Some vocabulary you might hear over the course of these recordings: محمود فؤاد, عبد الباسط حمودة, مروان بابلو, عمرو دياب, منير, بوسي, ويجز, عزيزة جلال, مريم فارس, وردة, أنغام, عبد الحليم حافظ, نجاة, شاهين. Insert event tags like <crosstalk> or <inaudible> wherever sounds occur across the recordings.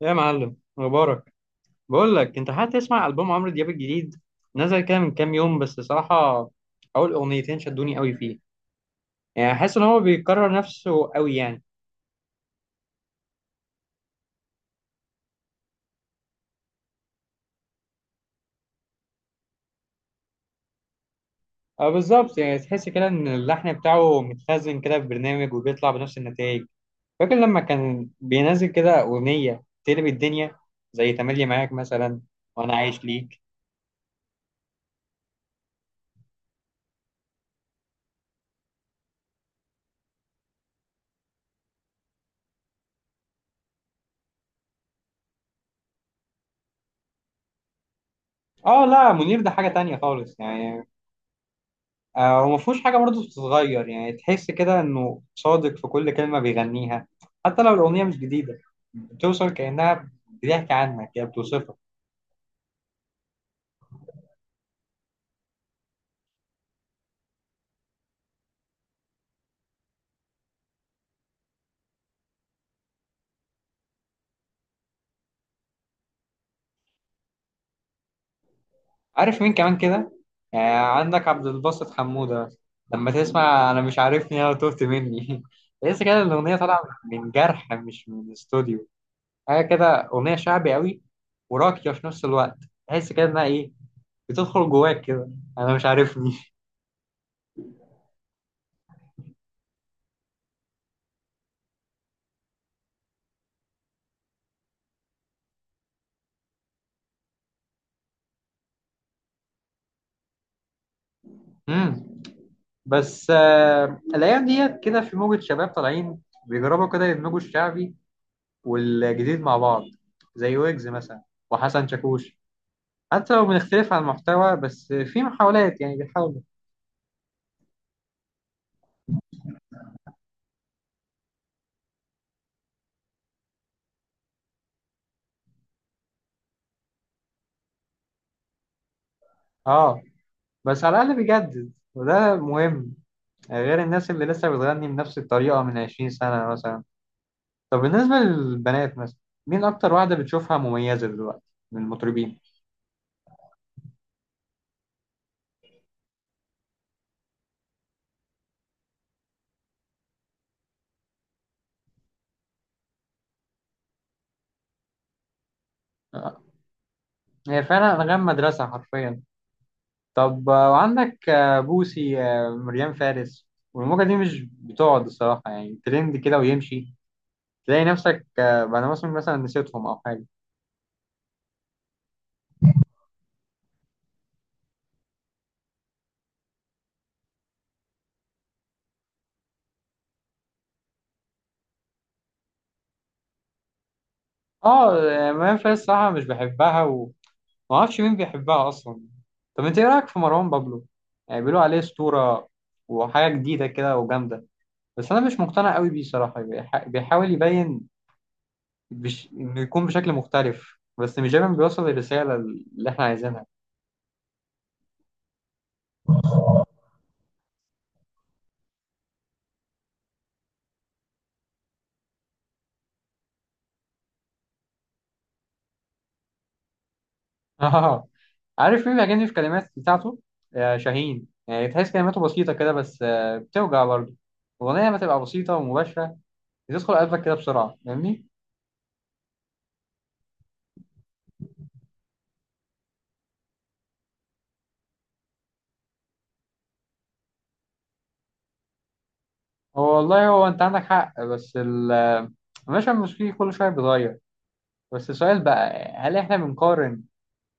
يا معلم مبارك، بقول لك انت هتسمع البوم عمرو دياب الجديد. نزل كده من كام يوم، بس صراحه اول اغنيتين شدوني قوي فيه. يعني حاسس ان هو بيكرر نفسه قوي يعني. اه بالظبط، يعني تحس كده ان اللحن بتاعه متخزن كده في برنامج وبيطلع بنفس النتائج. فاكر لما كان بينزل كده اغنيه تقلب الدنيا؟ زي تملي معاك مثلا، وانا عايش ليك. اه لا، منير ده حاجه تانية خالص يعني. هو ما فيهوش حاجة برضه بتتغير، يعني تحس كده إنه صادق في كل كلمة بيغنيها، حتى لو الأغنية مش جديدة. بتوصل كأنها بتحكي عنك، يعني بتوصفك. عارف مين كمان كده؟ عندك عبد الباسط حمودة. لما تسمع أنا مش عارفني، أنا تهت مني <laughs> تحس كده إن الأغنية طالعة من جرح، مش من استوديو. حاجة كده. أغنية شعبي قوي، وراقية في نفس الوقت. تحس كده إنها إيه؟ بتدخل جواك كده. أنا مش عارفني <laughs> مم. بس الايام ديت كده في موجة شباب طالعين بيجربوا كده يدمجوا الشعبي والجديد مع بعض، زي ويجز مثلا، وحسن شاكوش. حتى لو بنختلف عن المحتوى، بس في محاولات يعني بيحاولوا. اه، بس على الاقل بيجدد وده مهم. غير الناس اللي لسه بتغني بنفس الطريقة من 20 سنة مثلا. طب بالنسبة للبنات مثلا، مين أكتر واحدة بتشوفها مميزة دلوقتي من المطربين؟ آه، هي فعلا أنغام مدرسة حرفيا. طب، وعندك بوسي، مريم فارس. والموجة دي مش بتقعد الصراحة، يعني ترند كده ويمشي. تلاقي نفسك بعد موسم مثلا نسيتهم أو حاجة. اه، مريم فارس صراحة مش بحبها، ومعرفش مين بيحبها أصلا. طب انت ايه رأيك في مروان بابلو؟ يعني بيقولوا عليه أسطورة وحاجة جديدة كده وجامدة. بس أنا مش مقتنع قوي بيه صراحة، بيحاول يبين، إنه يكون بشكل مختلف، بس مش دايما بيوصل الرسالة اللي احنا عايزينها. اه، عارف مين بيعجبني في الكلمات بتاعته؟ آه شاهين. يعني تحس كلماته بسيطة كده، بس آه بتوجع برضه. الأغنية لما تبقى بسيطة ومباشرة بتدخل قلبك كده بسرعة، فاهمني؟ هو والله هو أنت عندك حق، بس المشهد الموسيقي كل شوية بيتغير. بس السؤال بقى، هل إحنا بنقارن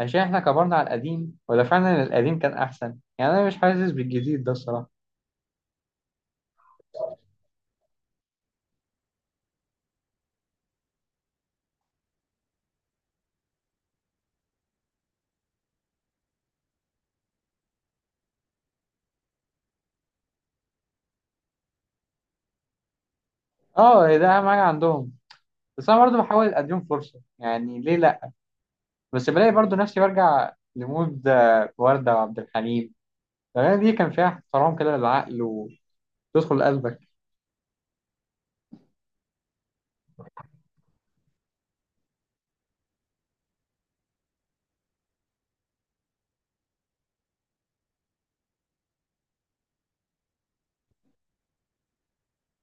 عشان إحنا كبرنا على القديم، ولا فعلا القديم كان أحسن؟ يعني أنا مش حاسس بالجديد ده الصراحة. اه ده أهم حاجة عندهم. بس أنا برضه بحاول أديهم فرصة، يعني ليه لأ. بس بلاقي برضو نفسي برجع لمود وردة وعبد الحليم. الأغاني دي كان فيها احترام كده للعقل، وتدخل قلبك.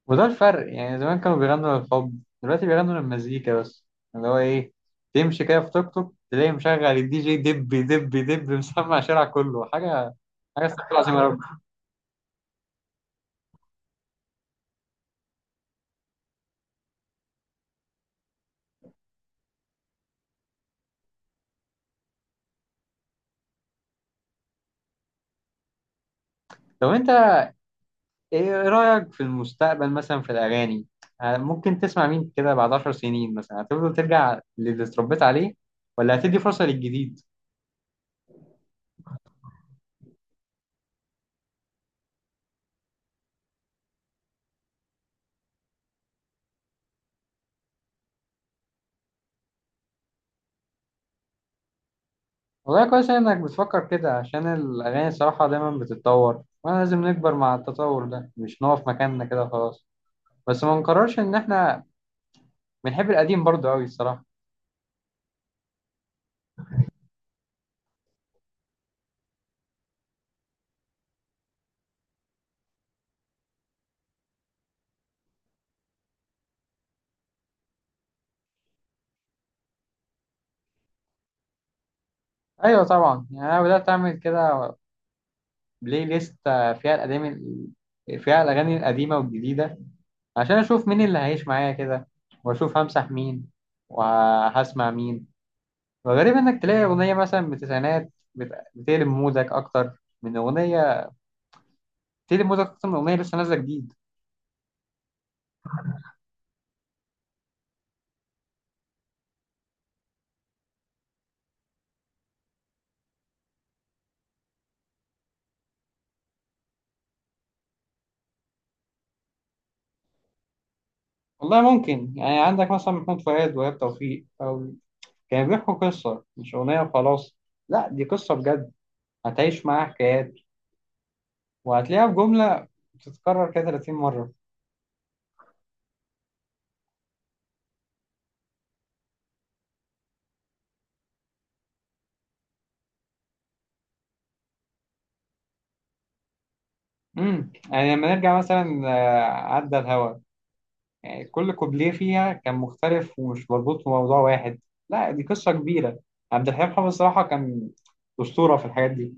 وده الفرق، يعني زمان كانوا بيغنوا للحب، دلوقتي بيغنوا للمزيكا بس، اللي هو إيه، تمشي كده في توك توك تلاقي مشغل الدي جي دب دب دب <laughs> مسمع الشارع كله حاجة استغفر الله العظيم يا رب. طب أنت إيه رأيك في المستقبل مثلا في الأغاني؟ ممكن تسمع مين كده بعد 10 سنين مثلا؟ هتفضل ترجع للي اتربيت عليه، ولا هتدي فرصة للجديد؟ والله كويس إنك بتفكر كده، عشان الأغاني الصراحة دايما بتتطور، وأنا لازم نكبر مع التطور ده، مش نقف مكاننا كده خلاص. بس ما نقررش إن إحنا بنحب القديم برضه أوي الصراحة. أيوة طبعا، يعني أنا بدأت أعمل كده بلاي ليست فيها الأغاني، فيها الأغاني القديمة والجديدة، عشان أشوف مين اللي هيعيش معايا كده، وأشوف همسح مين وهسمع مين. وغريب إنك تلاقي أغنية مثلا من التسعينات بتقلب مودك أكتر من أغنية، بتقلب مودك أكتر من أغنية لسه نازلة جديد. والله ممكن، يعني عندك مثلا محمود فؤاد وإيهاب توفيق، أو كانوا بيحكوا قصة مش أغنية وخلاص. لا دي قصة بجد، هتعيش معاها حكايات، وهتلاقيها في جملة بتتكرر كده 30 مرة. يعني لما نرجع مثلا عدى الهوا، يعني كل كوبليه فيها كان مختلف، ومش مربوط بموضوع واحد. لا دي قصة كبيرة. عبد الحليم حافظ الصراحة كان أسطورة في الحاجات دي.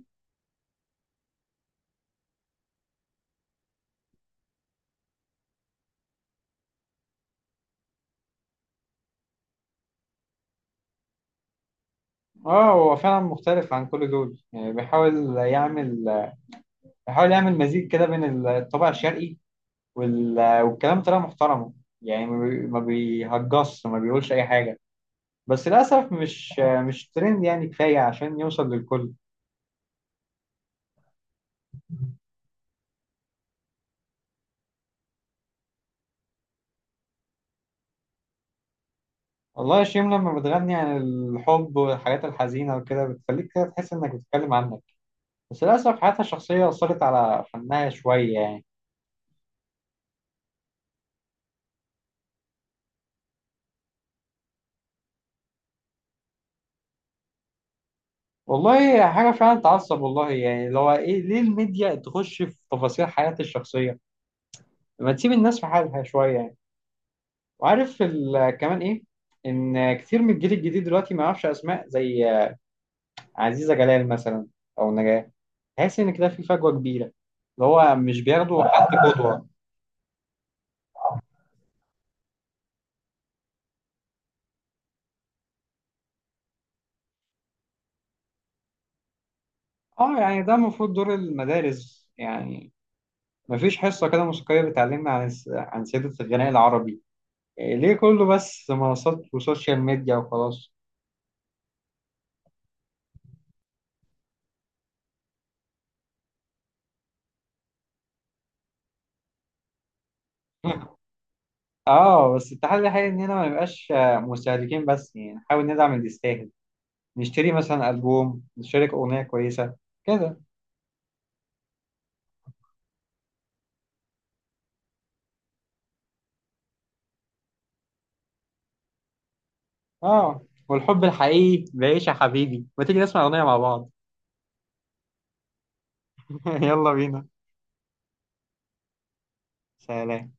اه هو فعلا مختلف عن كل دول، يعني بيحاول يعمل بيحاول يعمل مزيج كده بين الطابع الشرقي والكلام طلع محترمه، يعني ما بيهجصش، ما بيقولش اي حاجه. بس للاسف مش ترند يعني كفايه عشان يوصل للكل. والله يا شيم، لما بتغني عن الحب والحاجات الحزينه وكده، بتخليك كده تحس انك بتتكلم عنك. بس للاسف حياتها الشخصيه اثرت على فنها شويه يعني. والله حاجه فعلا تعصب، والله يعني لو ايه، ليه الميديا تخش في تفاصيل حياتي الشخصيه؟ لما تسيب الناس في حالها شويه يعني. وعارف كمان ايه؟ ان كتير من الجيل الجديد دلوقتي ما يعرفش اسماء زي عزيزة جلال مثلا، او نجاة. تحس ان كده في فجوة كبيرة، اللي هو مش بياخدوا حد قدوة. اه يعني ده المفروض دور المدارس يعني. مفيش حصة كده موسيقية بتعلمنا عن عن سيرة الغناء العربي؟ إيه ليه كله بس منصات وسوشيال ميديا وخلاص؟ <laughs> اه بس التحدي الحقيقي اننا ما نبقاش مستهلكين بس، يعني نحاول ندعم اللي يستاهل. نشتري مثلا ألبوم، نشارك أغنية كويسة كده. اه والحب الحقيقي بعيش يا حبيبي، ما تيجي نسمع أغنية مع بعض؟ <laughs> يلا بينا. سلام.